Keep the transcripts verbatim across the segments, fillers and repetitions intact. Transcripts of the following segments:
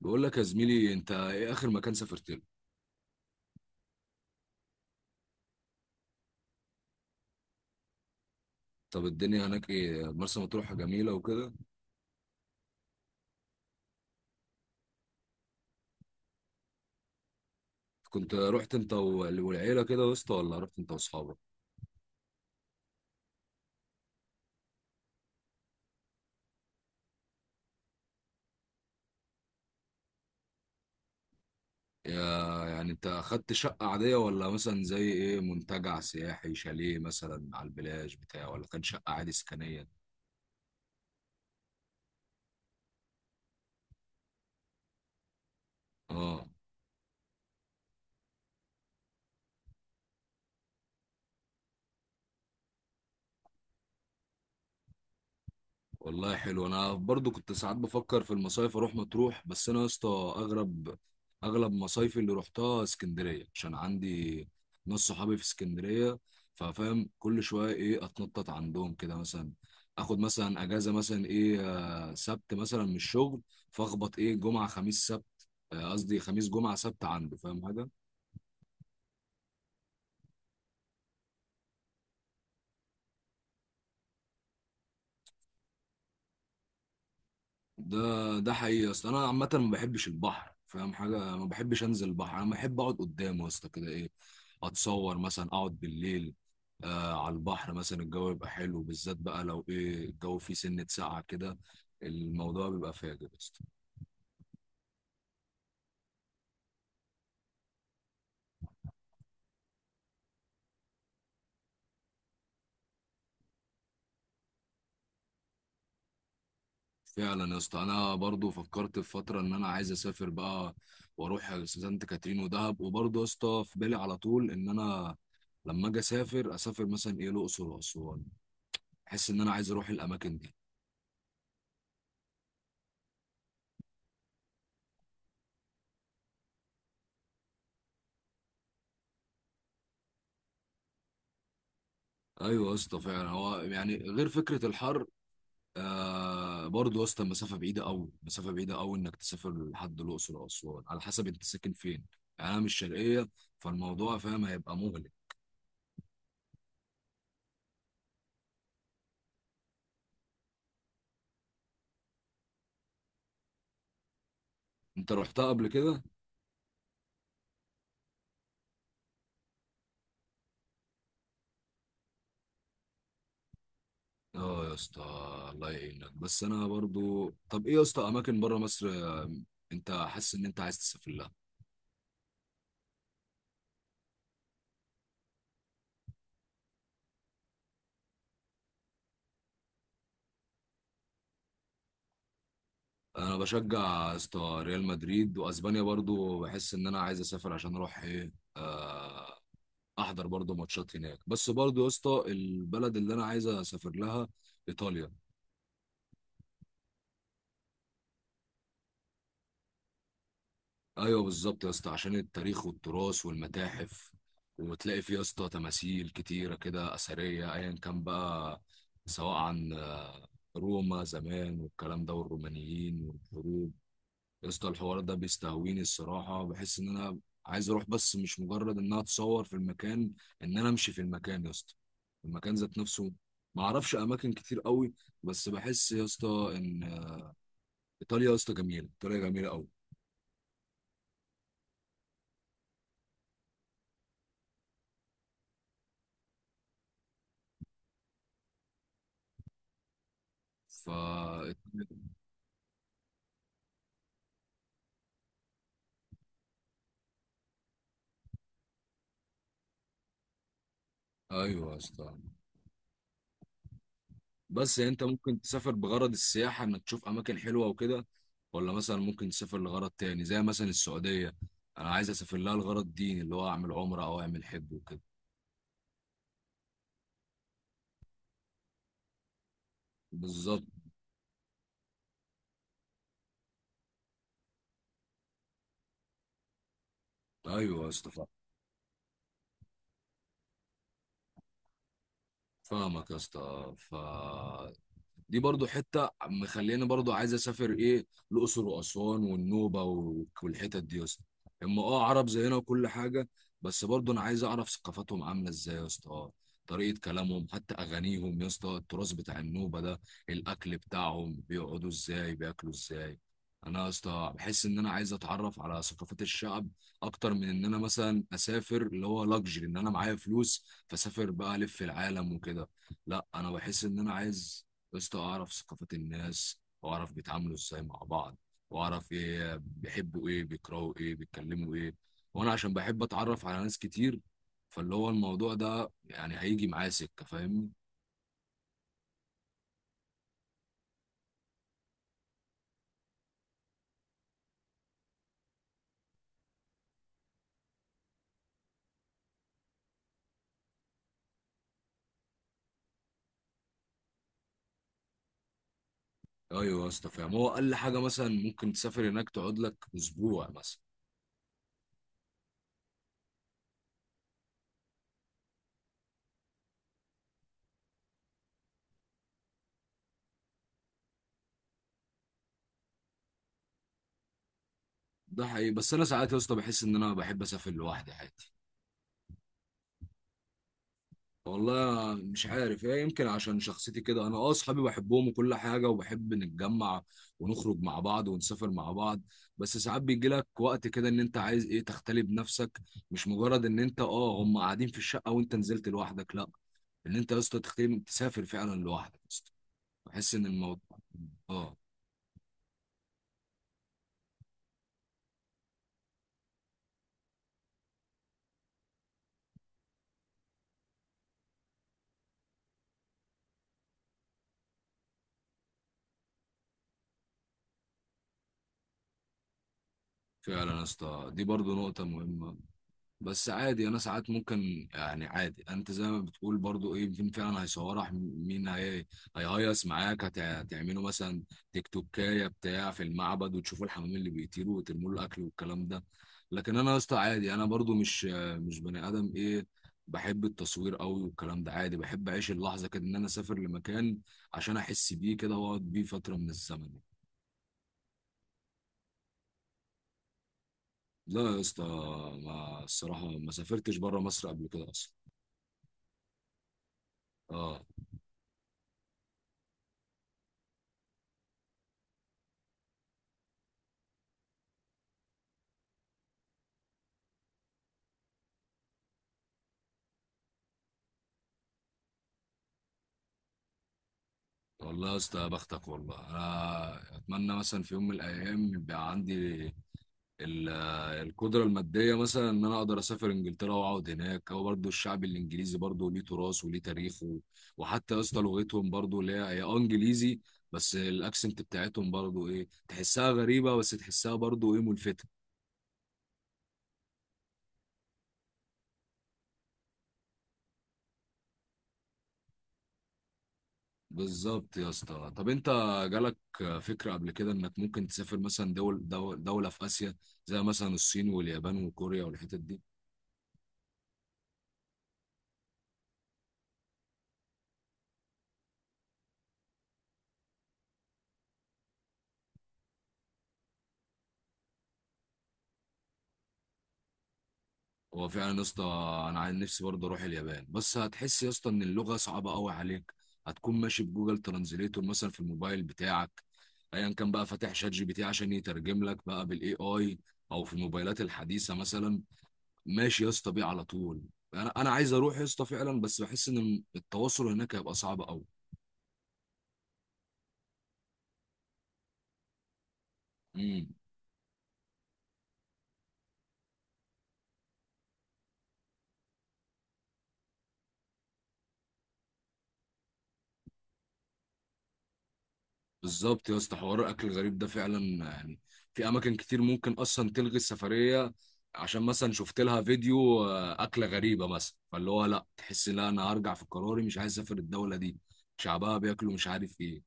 بقول لك يا زميلي، انت ايه اخر مكان سافرت له؟ طب الدنيا هناك ايه؟ مرسى مطروح جميله وكده؟ كنت رحت انت وال- والعيله كده يا اسطى، ولا رحت انت واصحابك؟ يا- يعني انت اخدت شقه عاديه، ولا مثلا زي ايه؟ منتجع سياحي، شاليه مثلا على البلاج بتاع، ولا كان شقه عادي سكنيه؟ اه والله حلو. انا برضو كنت ساعات بفكر في المصايف اروح مطروح، بس انا يا اسطى اغرب اغلب مصايفي اللي روحتها اسكندريه، عشان عندي ناس صحابي في اسكندريه. ففاهم، كل شويه ايه اتنطط عندهم كده مثلا، اخد مثلا اجازه مثلا ايه، آه، سبت مثلا من الشغل، فاخبط ايه جمعه خميس سبت، آه، قصدي خميس جمعه سبت عنده، فاهم حاجه؟ ده ده حقيقي. اصل انا عامه ما بحبش البحر، فاهم حاجه؟ ما بحبش انزل البحر، انا بحب اقعد قدامه يا اسطى كده ايه، اتصور مثلا اقعد بالليل آه على البحر مثلا، الجو يبقى حلو، بالذات بقى لو ايه الجو فيه سنه ساقعه كده، الموضوع بيبقى فاجر يا اسطى. فعلا يا اسطى انا برضو فكرت في فتره ان انا عايز اسافر بقى، واروح سانت كاترين ودهب. وبرضو يا اسطى في بالي على طول ان انا لما اجي اسافر، اسافر مثلا ايه الاقصر واسوان، احس ان انا عايز اروح الاماكن دي. ايوه يا اسطى فعلا، هو يعني غير فكره الحر، آه برضه يا اسطى المسافه بعيده قوي، مسافه بعيده قوي انك تسافر لحد الاقصر او اسوان، على حسب انت ساكن فين. يعني انا مش شرقيه، فالموضوع فاهم هيبقى مغلق. انت رحتها قبل كده؟ اه يا اسطى. الله يعينك. بس انا برضه طب ايه يا اسطى اماكن بره مصر آه، انت حاسس ان انت عايز تسافر لها؟ انا بشجع يا اسطى ريال مدريد، واسبانيا برضه بحس ان انا عايز اسافر عشان اروح ايه آه، احضر برضو ماتشات هناك. بس برضو يا اسطى البلد اللي انا عايز اسافر لها ايطاليا. ايوه بالظبط يا اسطى، عشان التاريخ والتراث والمتاحف، وتلاقي فيه يا اسطى تماثيل كتيره كده اثريه ايا كان بقى، سواء عن آه، روما زمان والكلام ده والرومانيين والحروب. يا اسطى الحوار ده بيستهويني الصراحة، بحس ان انا عايز اروح، بس مش مجرد انها تصور في المكان، ان انا امشي في المكان يا اسطى، المكان ذات نفسه. ما اعرفش اماكن كتير قوي، بس بحس يا اسطى ان ايطاليا يا اسطى جميلة، ايطاليا جميلة قوي. ف ايوه يا اسطى، بس يعني انت ممكن تسافر بغرض السياحة، انك تشوف اماكن حلوة وكده، ولا مثلا ممكن تسافر لغرض تاني، زي مثلا السعودية انا عايز اسافر لها لغرض ديني، اللي هو اعمل عمرة او اعمل حج وكده. بالظبط، ايوه يا اسطى. فاهمك يا اسطى. ف دي برضو حتة مخليني برضو عايز اسافر ايه، الاقصر واسوان والنوبة و- والحتت دي يا اسطى. اما اه عرب زينا وكل حاجة، بس برضو انا عايز اعرف ثقافتهم عاملة ازاي يا اسطى، آه، طريقة كلامهم حتى، اغانيهم يا اسطى، التراث بتاع النوبة ده، الاكل بتاعهم، بيقعدوا ازاي، بياكلوا ازاي. انا يا اسطى بحس ان انا عايز اتعرف على ثقافات الشعب، اكتر من ان انا مثلا اسافر اللي هو لاكجري، ان انا معايا فلوس فسافر بقى الف العالم وكده. لا انا بحس ان انا عايز يا اسطى اعرف ثقافات الناس، واعرف بيتعاملوا ازاي مع بعض، واعرف ايه بيحبوا، ايه بيكرهوا، ايه بيتكلموا ايه. وانا عشان بحب اتعرف على ناس كتير، فاللي هو الموضوع ده يعني هيجي معايا سكه، فاهمني؟ ايوه يا اسطى فاهم. هو اقل حاجه مثلا ممكن تسافر هناك تقعد لك اسبوع مثلا. ده حقيقي، بس انا ساعات يا اسطى بحس ان انا بحب اسافر لوحدي عادي. والله مش عارف ايه، يمكن عشان شخصيتي كده. انا اه اصحابي بحبهم وكل حاجه، وبحب نتجمع ونخرج مع بعض ونسافر مع بعض، بس ساعات بيجي لك وقت كده ان انت عايز ايه تختلي بنفسك، مش مجرد ان انت اه هم قاعدين في الشقه وانت نزلت لوحدك، لا، ان انت يا اسطى تختلي، تسافر فعلا لوحدك يا اسطى. بحس ان الموضوع اه. فعلا يا اسطى دي برضو نقطه مهمه. بس عادي انا ساعات ممكن يعني عادي، انت زي ما بتقول برضو ايه، مين فعلا هيصورك، مين هي هيهيص معاك، هت- هتعملوا مثلا تيك توكايه بتاع في المعبد، وتشوفوا الحمام اللي بيطيروا وترموا له الاكل والكلام ده. لكن انا يا اسطى عادي، انا برضو مش مش بني ادم ايه بحب التصوير قوي والكلام ده، عادي بحب اعيش اللحظه كده، ان انا اسافر لمكان عشان احس بيه كده، واقعد بيه فتره من الزمن. لا يا اسطى. ما الصراحه ما سافرتش بره مصر قبل كده اصلا. اه. والله يا اسطى يا بختك والله. انا اتمنى مثلا في يوم من الايام يبقى عندي ال- آه، القدره الماديه، مثلا ان انا اقدر اسافر انجلترا واقعد هناك، او برضو الشعب الانجليزي برضو ليه تراث وليه تاريخه. وحتى يا اسطى لغتهم برضو اللي هي هي اه انجليزي، بس الاكسنت بتاعتهم برضو ايه تحسها غريبه، بس تحسها برضو ايه ملفته. بالظبط يا اسطى. طب انت جالك فكره قبل كده انك ممكن تسافر مثلا دول دول دوله في اسيا، زي مثلا الصين واليابان وكوريا والحتت دي؟ هو فعلا يا اسطى انا عن نفسي برضه اروح اليابان، بس هتحس يا اسطى ان اللغه صعبه قوي عليك، هتكون ماشي بجوجل ترانزليتور مثلا في الموبايل بتاعك، ايا كان بقى فاتح شات جي بي تي عشان يترجم لك بقى بالاي اي، او في الموبايلات الحديثه مثلا ماشي يا اسطى بيه على طول. انا انا عايز اروح يا اسطى فعلا، بس بحس ان التواصل هناك هيبقى صعب قوي. بالظبط يا اسطى، حوار الاكل الغريب ده فعلا يعني في اماكن كتير ممكن اصلا تلغي السفريه، عشان مثلا شفت لها فيديو آه، اكله غريبه مثلا، فاللي هو لا تحس لا انا هرجع في قراري، مش عايز اسافر الدوله دي، شعبها بياكلوا مش عارف ايه.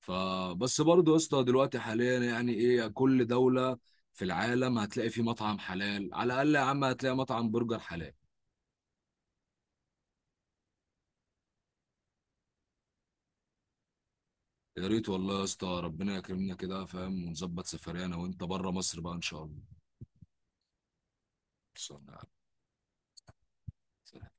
فبس برضه يا اسطى دلوقتي حاليا يعني ايه كل دوله في العالم هتلاقي في مطعم حلال على الاقل، يا عم هتلاقي مطعم برجر حلال. يا ريت والله يا اسطى، ربنا يكرمنا كده، فاهم، ونظبط سفرية انا وانت بره مصر بقى ان شاء الله. خلصانة يا عم.